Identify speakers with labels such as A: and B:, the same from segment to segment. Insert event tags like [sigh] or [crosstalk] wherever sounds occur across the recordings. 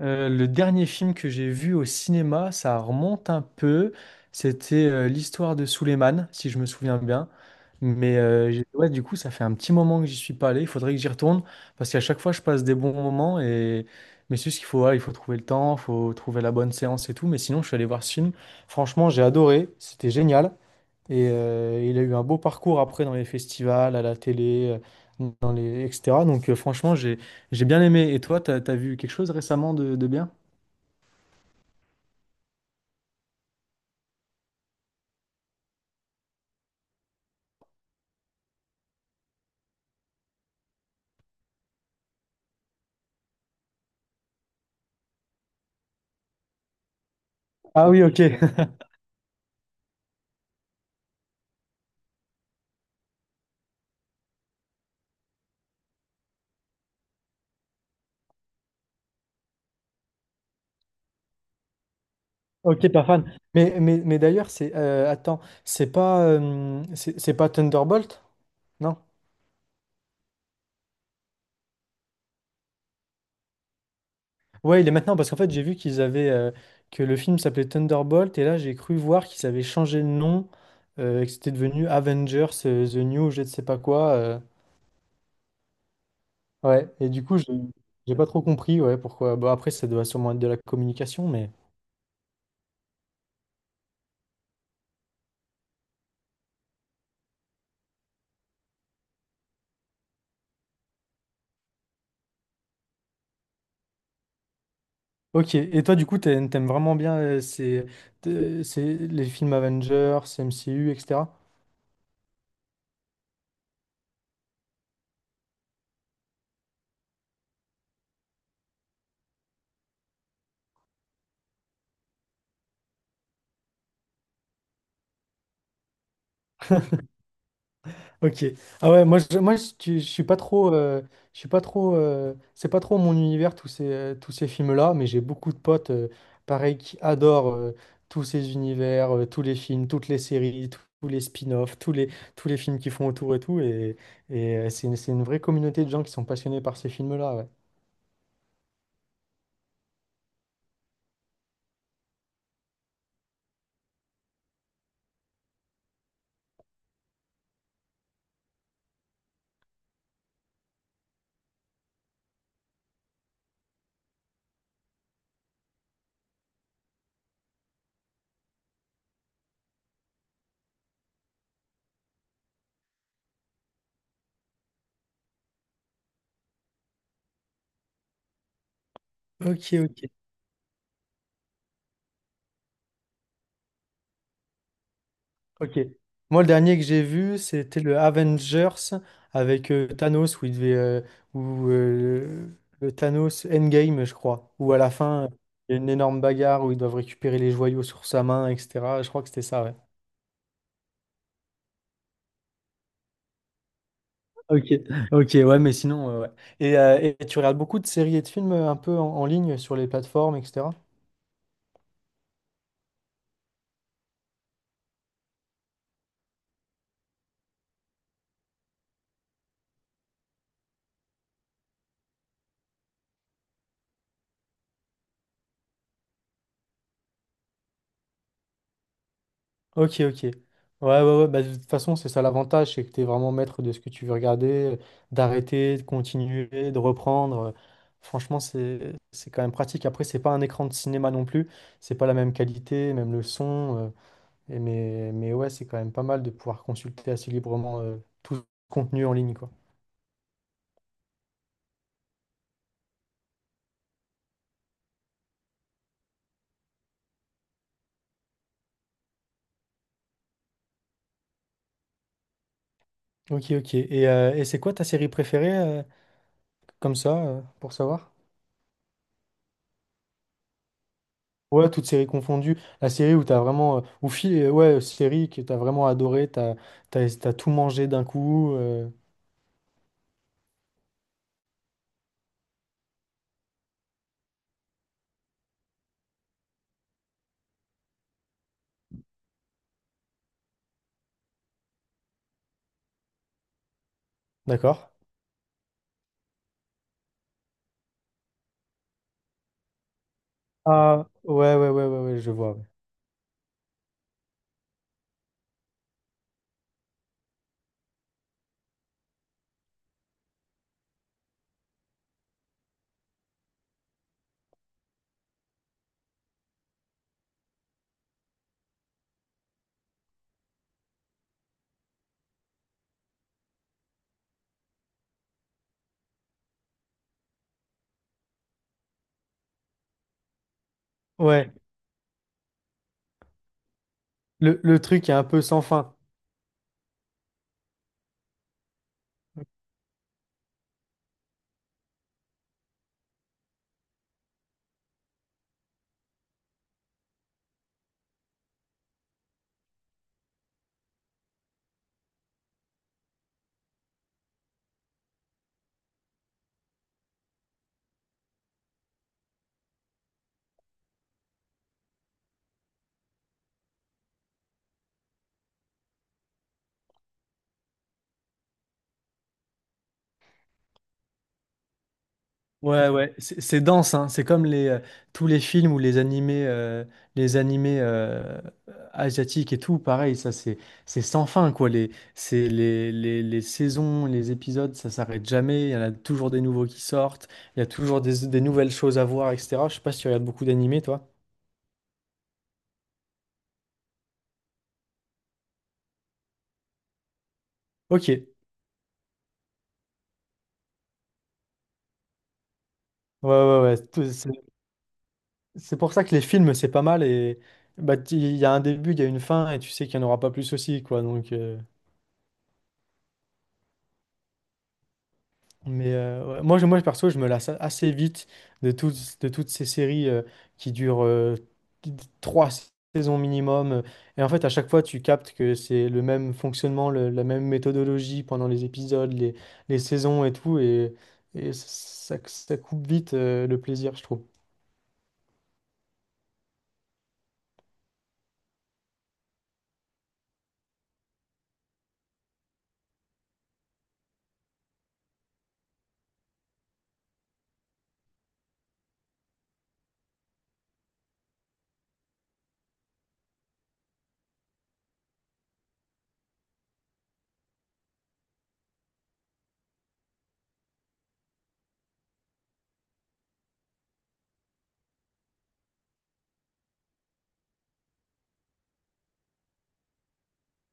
A: Le dernier film que j'ai vu au cinéma, ça remonte un peu. C'était l'histoire de Souleymane, si je me souviens bien. Ouais, du coup, ça fait un petit moment que j'y suis pas allé. Il faudrait que j'y retourne parce qu'à chaque fois, je passe des bons moments. Mais c'est juste qu'il faut, voilà, il faut trouver le temps, il faut trouver la bonne séance et tout. Mais sinon, je suis allé voir ce film. Franchement, j'ai adoré. C'était génial. Et il a eu un beau parcours après dans les festivals, à la télé, etc. Franchement, j'ai bien aimé. Et toi, t'as vu quelque chose récemment de bien? Ah oui, ok, [laughs] ok, pas fan. Mais d'ailleurs, c'est attends, c'est pas Thunderbolt? Non? Ouais, il est maintenant parce qu'en fait, j'ai vu qu'ils avaient que le film s'appelait Thunderbolt et là, j'ai cru voir qu'ils avaient changé de nom, et que c'était devenu Avengers The New, je ne sais pas quoi. Ouais, et du coup, j'ai pas trop compris, ouais, pourquoi. Bah, après, ça doit sûrement être de la communication, mais. Ok, et toi, du coup, t'aimes vraiment bien les films Avengers, MCU, etc. Ok. Ah ouais, je suis pas c'est pas trop mon univers tous tous ces films-là, mais j'ai beaucoup de potes, pareil, qui adorent tous ces univers, tous les films, toutes les séries, tous les spin-offs, tous les films qui font autour et tout, et c'est une vraie communauté de gens qui sont passionnés par ces films-là, ouais. Ok, ok. Ok. Moi, le dernier que j'ai vu, c'était le Avengers avec Thanos, où il devait, où, le Thanos Endgame, je crois, où à la fin, il y a une énorme bagarre où ils doivent récupérer les joyaux sur sa main, etc. Je crois que c'était ça, ouais. Ok, ok, ouais, mais sinon, ouais. Et tu regardes beaucoup de séries et de films un peu en ligne sur les plateformes, etc. Ok, ok. Ouais, ouais, ouais. Bah, de toute façon, c'est ça l'avantage, c'est que tu es vraiment maître de ce que tu veux regarder, euh, d'arrêter, de continuer, de reprendre. Franchement, c'est quand même pratique. Après, c'est pas un écran de cinéma non plus. C'est pas la même qualité, même le son. Et mais ouais, c'est quand même pas mal de pouvoir consulter assez librement tout ce contenu en ligne, quoi. Ok, ok. Et c'est quoi ta série préférée, comme ça, pour savoir? Ouais, toutes séries confondues. La série où t'as ouais, série que t'as vraiment adoré, t'as tout mangé d'un coup. D'accord? Ah, ouais, je vois. Ouais. Ouais, le truc est un peu sans fin. Ouais, ouais, c'est dense, hein. C'est comme tous les films ou les animés, les animés euh, asiatiques et tout, pareil, ça c'est sans fin, quoi. Les saisons, les épisodes, ça s'arrête jamais, il y en a toujours des nouveaux qui sortent, il y a toujours des nouvelles choses à voir, etc. Je sais pas si tu regardes beaucoup d'animés, toi. Ok, ouais, ouais, ouais. C'est pour ça que les films, c'est pas mal et il y a un début, il y a une fin et tu sais qu'il n'y en aura pas plus aussi, quoi. Mais ouais, moi, perso, je me lasse assez vite de toutes ces séries qui durent trois saisons minimum. Et en fait, à chaque fois, tu captes que c'est le même fonctionnement, la même méthodologie pendant les épisodes, les saisons et tout. Et ça, ça coupe vite le plaisir, je trouve.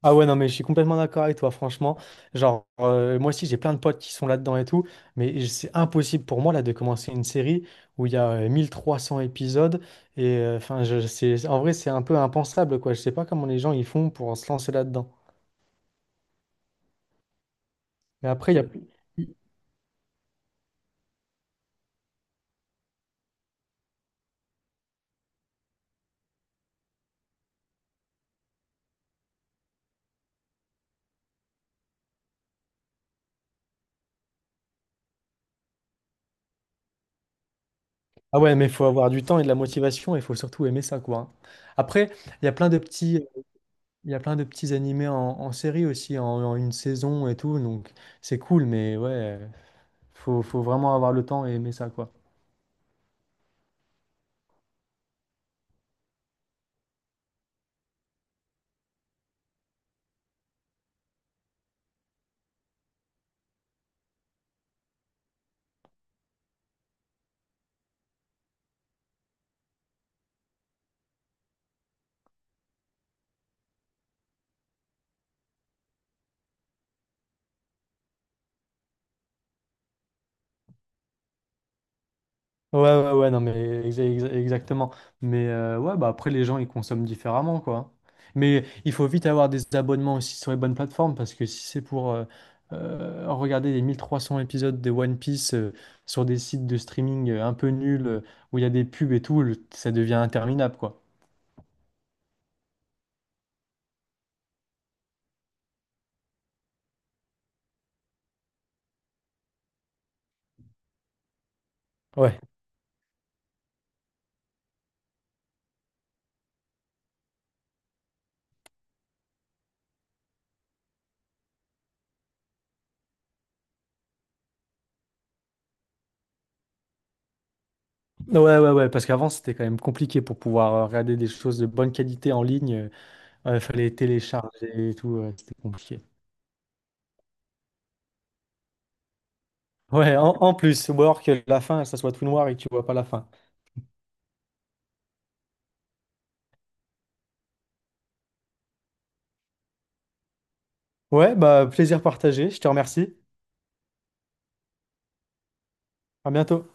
A: Ah ouais, non, mais je suis complètement d'accord avec toi, franchement. Genre, moi aussi, j'ai plein de potes qui sont là-dedans et tout, mais c'est impossible pour moi, là, de commencer une série où il y a 1300 épisodes. Et enfin, c'est, en vrai, c'est un peu impensable, quoi. Je sais pas comment les gens ils font pour se lancer là-dedans. Mais après, il y a... Ah ouais, mais il faut avoir du temps et de la motivation, et il faut surtout aimer ça, quoi. Hein. Après, il y a plein de petits... Il y a plein de petits animés en série aussi, en une saison et tout, donc c'est cool, mais ouais, faut vraiment avoir le temps et aimer ça, quoi. Ouais, ouais, ouais, non, mais exactement. Mais ouais, bah après, les gens, ils consomment différemment, quoi. Mais il faut vite avoir des abonnements aussi sur les bonnes plateformes, parce que si c'est pour regarder les 1300 épisodes de One Piece sur des sites de streaming un peu nuls, où il y a des pubs et tout, ça devient interminable, quoi. Ouais, ouais, parce qu'avant, c'était quand même compliqué pour pouvoir regarder des choses de bonne qualité en ligne. Il fallait télécharger et tout, ouais, c'était compliqué. Ouais, en plus, ou alors que la fin, ça soit tout noir et que tu vois pas la fin. Ouais, bah plaisir partagé, je te remercie. À bientôt.